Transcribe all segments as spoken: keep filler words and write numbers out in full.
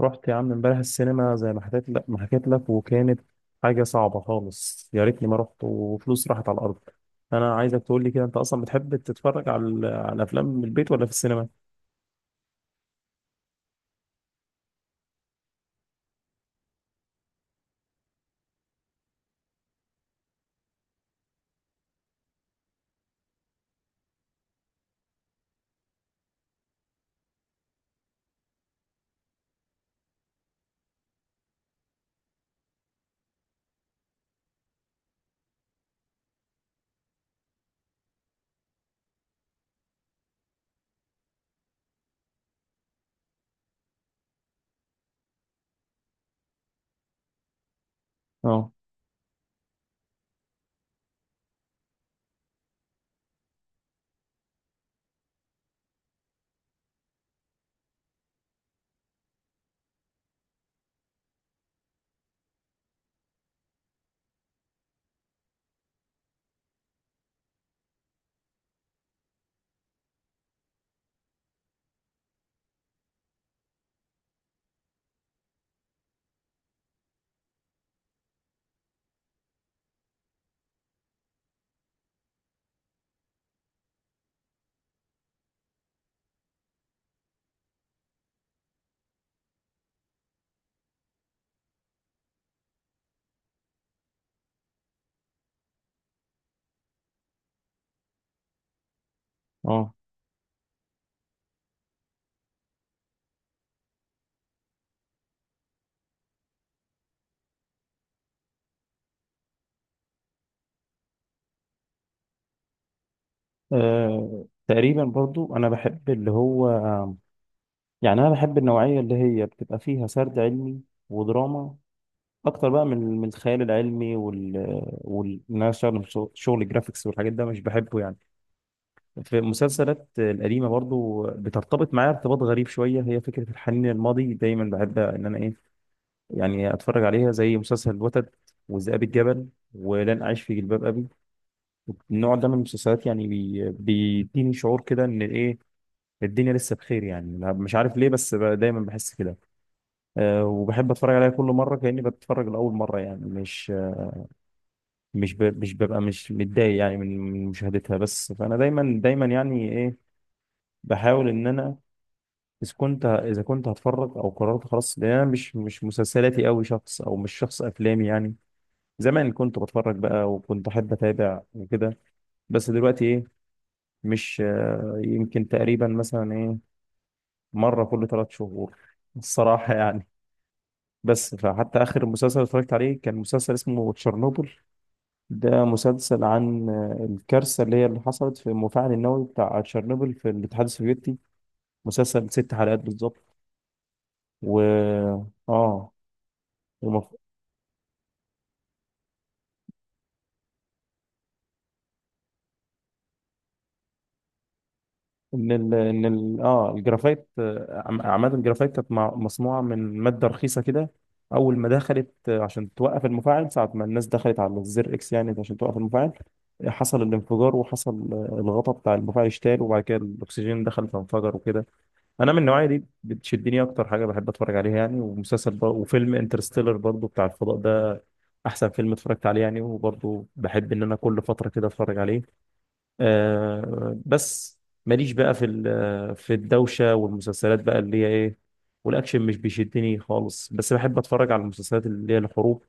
رحت يا عم امبارح السينما زي ما حكيت لك ما حكيت لك وكانت حاجة صعبة خالص، يا ريتني ما رحت وفلوس راحت على الأرض. أنا عايزك تقول لي كده، أنت أصلا بتحب تتفرج على ال- على الأفلام من البيت ولا في السينما؟ اه، اه، آه، تقريبا برضو أنا بحب اللي هو، يعني أنا بحب النوعية اللي هي بتبقى فيها سرد علمي ودراما أكتر بقى من من الخيال العلمي وال وال إن أنا أشتغل في شغل شغل جرافيكس والحاجات ده مش بحبه يعني. في المسلسلات القديمة برضو بترتبط معايا ارتباط غريب شوية، هي فكرة الحنين للماضي، دايما بحب إن أنا إيه، يعني أتفرج عليها زي مسلسل الوتد وذئاب الجبل ولن أعيش في جلباب أبي. النوع ده من المسلسلات يعني بي- بيديني شعور كده إن إيه، الدنيا لسه بخير، يعني مش عارف ليه بس ب- دايما بحس كده. أه، وبحب أتفرج عليها كل مرة كأني بتفرج لأول مرة، يعني مش مش ب- مش ببقى مش متضايق يعني من من مشاهدتها. بس فأنا دايما دايما يعني إيه، بحاول إن أنا اذا كنت اذا كنت هتفرج او قررت خلاص ده مش مش مسلسلاتي قوي شخص، او مش شخص افلامي يعني. زمان كنت بتفرج بقى وكنت احب اتابع وكده، بس دلوقتي ايه، مش آه، يمكن تقريبا مثلا ايه، مره كل ثلاث شهور الصراحه يعني. بس فحتى اخر مسلسل اتفرجت عليه كان مسلسل اسمه تشيرنوبل. ده مسلسل عن آه، الكارثه اللي هي اللي حصلت في المفاعل النووي بتاع تشيرنوبل في الاتحاد السوفيتي. مسلسل ست حلقات بالظبط. و اه ان ال ان ال اه الجرافايت، آه، عم- عماد الجرافايت كانت مع- مصنوعه من ماده رخيصه كده. اول ما دخلت آه، عشان توقف المفاعل، ساعه ما الناس دخلت على الزر اكس يعني عشان توقف المفاعل، آه، حصل الانفجار، وحصل آه، الغطاء بتاع المفاعل اشتال، وبعد كده الاكسجين دخل فانفجر وكده. انا من النوعيه دي بتشدني، اكتر حاجه بحب اتفرج عليها يعني، ومسلسل بر- وفيلم انترستيلر برضو بتاع الفضاء ده احسن فيلم اتفرجت عليه يعني، وبرضو بحب ان انا كل فتره كده اتفرج عليه. آه بس ماليش بقى في ال- في الدوشة والمسلسلات بقى اللي هي ايه، والاكشن مش بيشدني خالص، بس بحب اتفرج على المسلسلات اللي هي الحروب،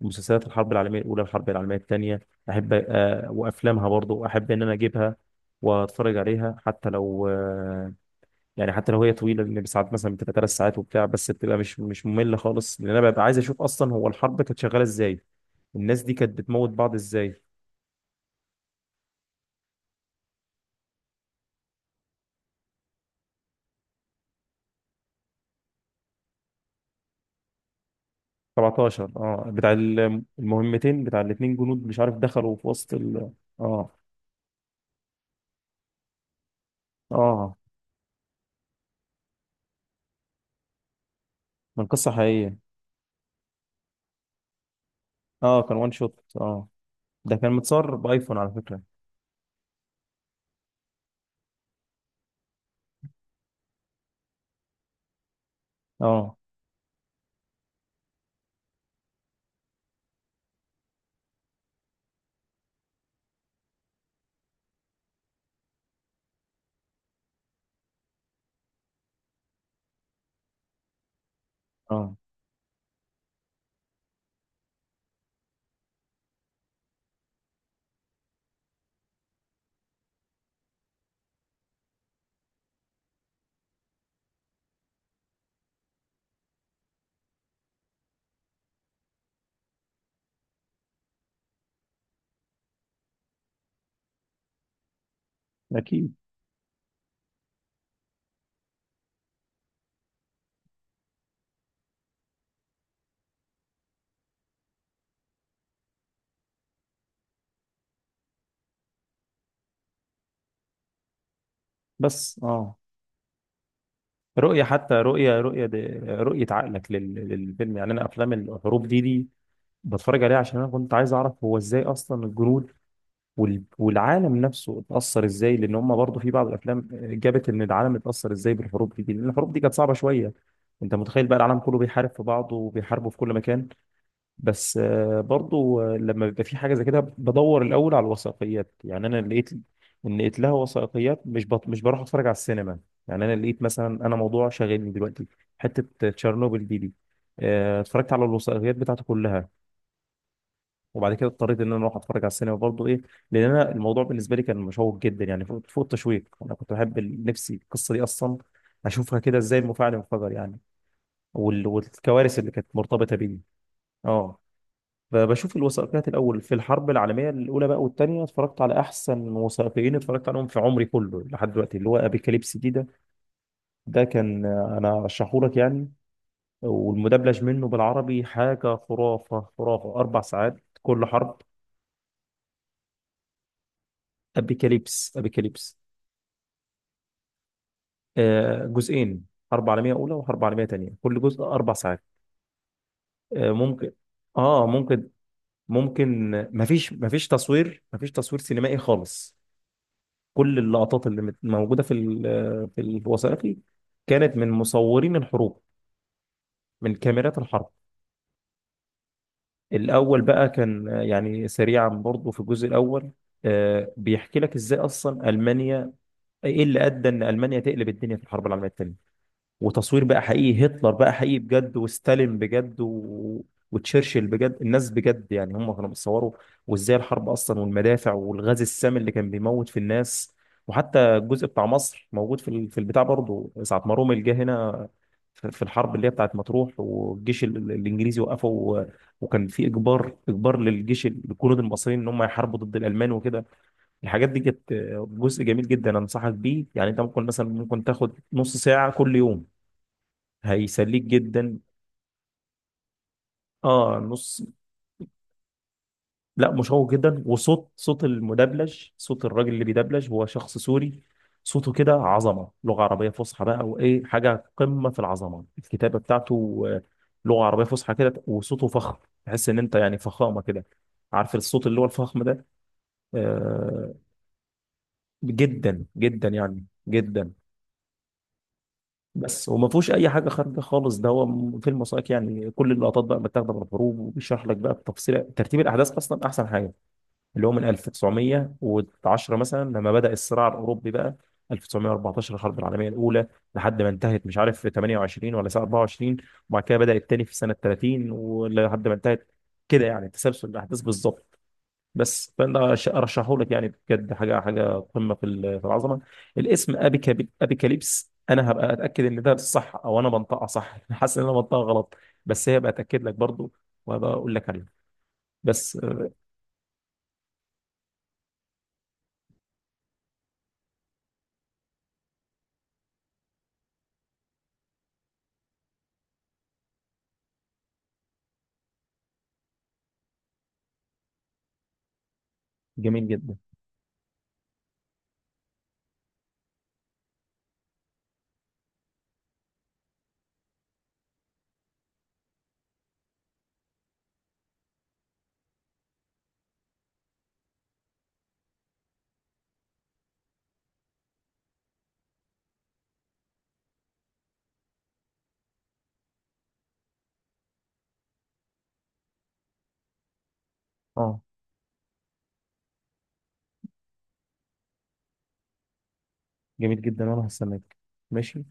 مسلسلات الحرب العالمية الاولى والحرب العالمية الثانية، احب، آه، وافلامها برضو احب ان انا اجيبها واتفرج عليها، حتى لو آه، يعني حتى لو هي طويلة، لان ساعات مثلا بتبقى ثلاث ساعات وبتاع، بس بتبقى مش مش مملة خالص، لان انا ببقى عايز اشوف اصلا هو الحرب كانت شغالة ازاي، الناس دي كانت بتموت بعض ازاي. سبعتاشر، اه، بتاع الم- المهمتين بتاع الاتنين جنود، مش عارف دخلوا في وسط ال... اه، اه، من قصة حقيقية. اه، كان وان شوت، اه، ده كان متصور بايفون على فكرة. اه، اه، اكيد. بس، اه، رؤية حتى رؤية رؤية دي، رؤية عقلك لل- للفيلم يعني، انا افلام الحروب دي دي بتفرج عليها عشان انا كنت عايز اعرف هو ازاي اصلا الجنود وال- والعالم نفسه اتأثر ازاي، لان هم برضه في بعض الافلام جابت ان العالم اتأثر ازاي بالحروب دي، لان الحروب دي كانت صعبة شوية. انت متخيل بقى العالم كله بيحارب في بعضه وبيحاربوا في كل مكان. بس آه، برضه آه، لما بيبقى في حاجة زي كده بدور الاول على الوثائقيات يعني. انا لقيت ان لقيت لها وثائقيات، مش بط... مش بروح اتفرج على السينما، يعني انا لقيت مثلا، انا موضوع شاغلني دلوقتي حتة تشيرنوبل دي دي، آه، اتفرجت على الوثائقيات بتاعته كلها، وبعد كده اضطريت ان انا اروح اتفرج على السينما برضه ايه، لان انا الموضوع بالنسبه لي كان مشوق جدا يعني، فوق فوق التشويق، انا كنت بحب ال- نفسي القصه دي اصلا اشوفها كده، ازاي المفاعل انفجر يعني، وال... والكوارث اللي كانت مرتبطه بيه. اه، فبشوف الوثائقيات الاول في الحرب العالميه الاولى بقى والثانيه، اتفرجت على احسن وثائقيين اتفرجت عليهم في عمري كله لحد دلوقتي، اللي هو ابيكاليبس دي ده. ده كان آه، انا رشحهولك يعني، والمدبلج منه بالعربي حاجه خرافه خرافه، اربع ساعات كل حرب. ابيكاليبس، ابيكاليبس. آه، جزئين، حرب عالمية أولى وحرب عالمية تانية، كل جزء أربع ساعات. آه، ممكن، آه ممكن. ممكن مفيش مفيش تصوير مفيش تصوير سينمائي خالص، كل اللقطات اللي مت- موجودة في ال- في الوثائقي كانت من مصورين الحروب، من كاميرات الحرب. الأول بقى كان، آه، يعني سريعا برضه في الجزء الأول، آه، بيحكي لك إزاي أصلا ألمانيا، إيه اللي أدى إن ألمانيا تقلب الدنيا في الحرب العالمية التانية، وتصوير بقى حقيقي، هتلر بقى حقيقي بجد، وستالين بجد، و... وتشرشل بجد، الناس بجد يعني، هم كانوا بيصوروا، وازاي الحرب اصلا، والمدافع، والغاز السام اللي كان بيموت في الناس. وحتى الجزء بتاع مصر موجود في ال- في البتاع برضه، ساعة ما رومل جه هنا في في الحرب اللي هي بتاعت مطروح، والجيش ال- ال- الانجليزي وقفه، و... وكان في اجبار اجبار للجيش، ال- الجنود المصريين ان هم يحاربوا ضد الالمان وكده. الحاجات دي كانت جزء جميل جدا، انصحك بيه يعني، انت ممكن مثلا، ممكن تاخد نص ساعة كل يوم، هيسليك جدا. اه، نص، لا، مشوق جدا. وصوت صوت المدبلج، صوت الراجل اللي بيدبلج هو شخص سوري، صوته كده عظمه، لغه عربيه فصحى بقى، وايه، حاجه قمه في العظمه الكتابه بتاعته. آه، لغه عربيه فصحى كده، وصوته فخم، تحس ان انت يعني فخامه كده، عارف الصوت اللي هو الفخم ده. آه، جدا جدا يعني، جدا. بس وما فيهوش اي حاجه خارجه خالص، ده هو م- فيلم وثائقي يعني، كل اللقطات بقى متاخده من الحروب، وبيشرح لك بقى بتفصيل ترتيب الاحداث اصلا، احسن حاجه، اللي هو من ألف تسعمية وعشرة مثلا لما بدأ الصراع الأوروبي بقى، ألف تسعمية وأربعتاشر الحرب العالمية الأولى لحد ما انتهت، مش عارف في تمنية وعشرين ولا ساعة أربعة وعشرين، وبعد كده بدأ التاني في سنة تلاتين ولحد ما انتهت، كده يعني تسلسل الأحداث بالظبط. بس فأنا أش- أرشحه لك يعني، بجد حاجة حاجة قمة في ال- في العظمة. الاسم أبيكا أبيكاليبس، أنا هبقى أتأكد إن ده صح أو أنا بنطقها صح حاسس إن أنا بنطقها غلط، بس هي بتأكد لك برضو، وهبقى أقول لك عليه. بس، آه، جميل جدا، اه، جميل جدا، وانا هستناك. ماشي.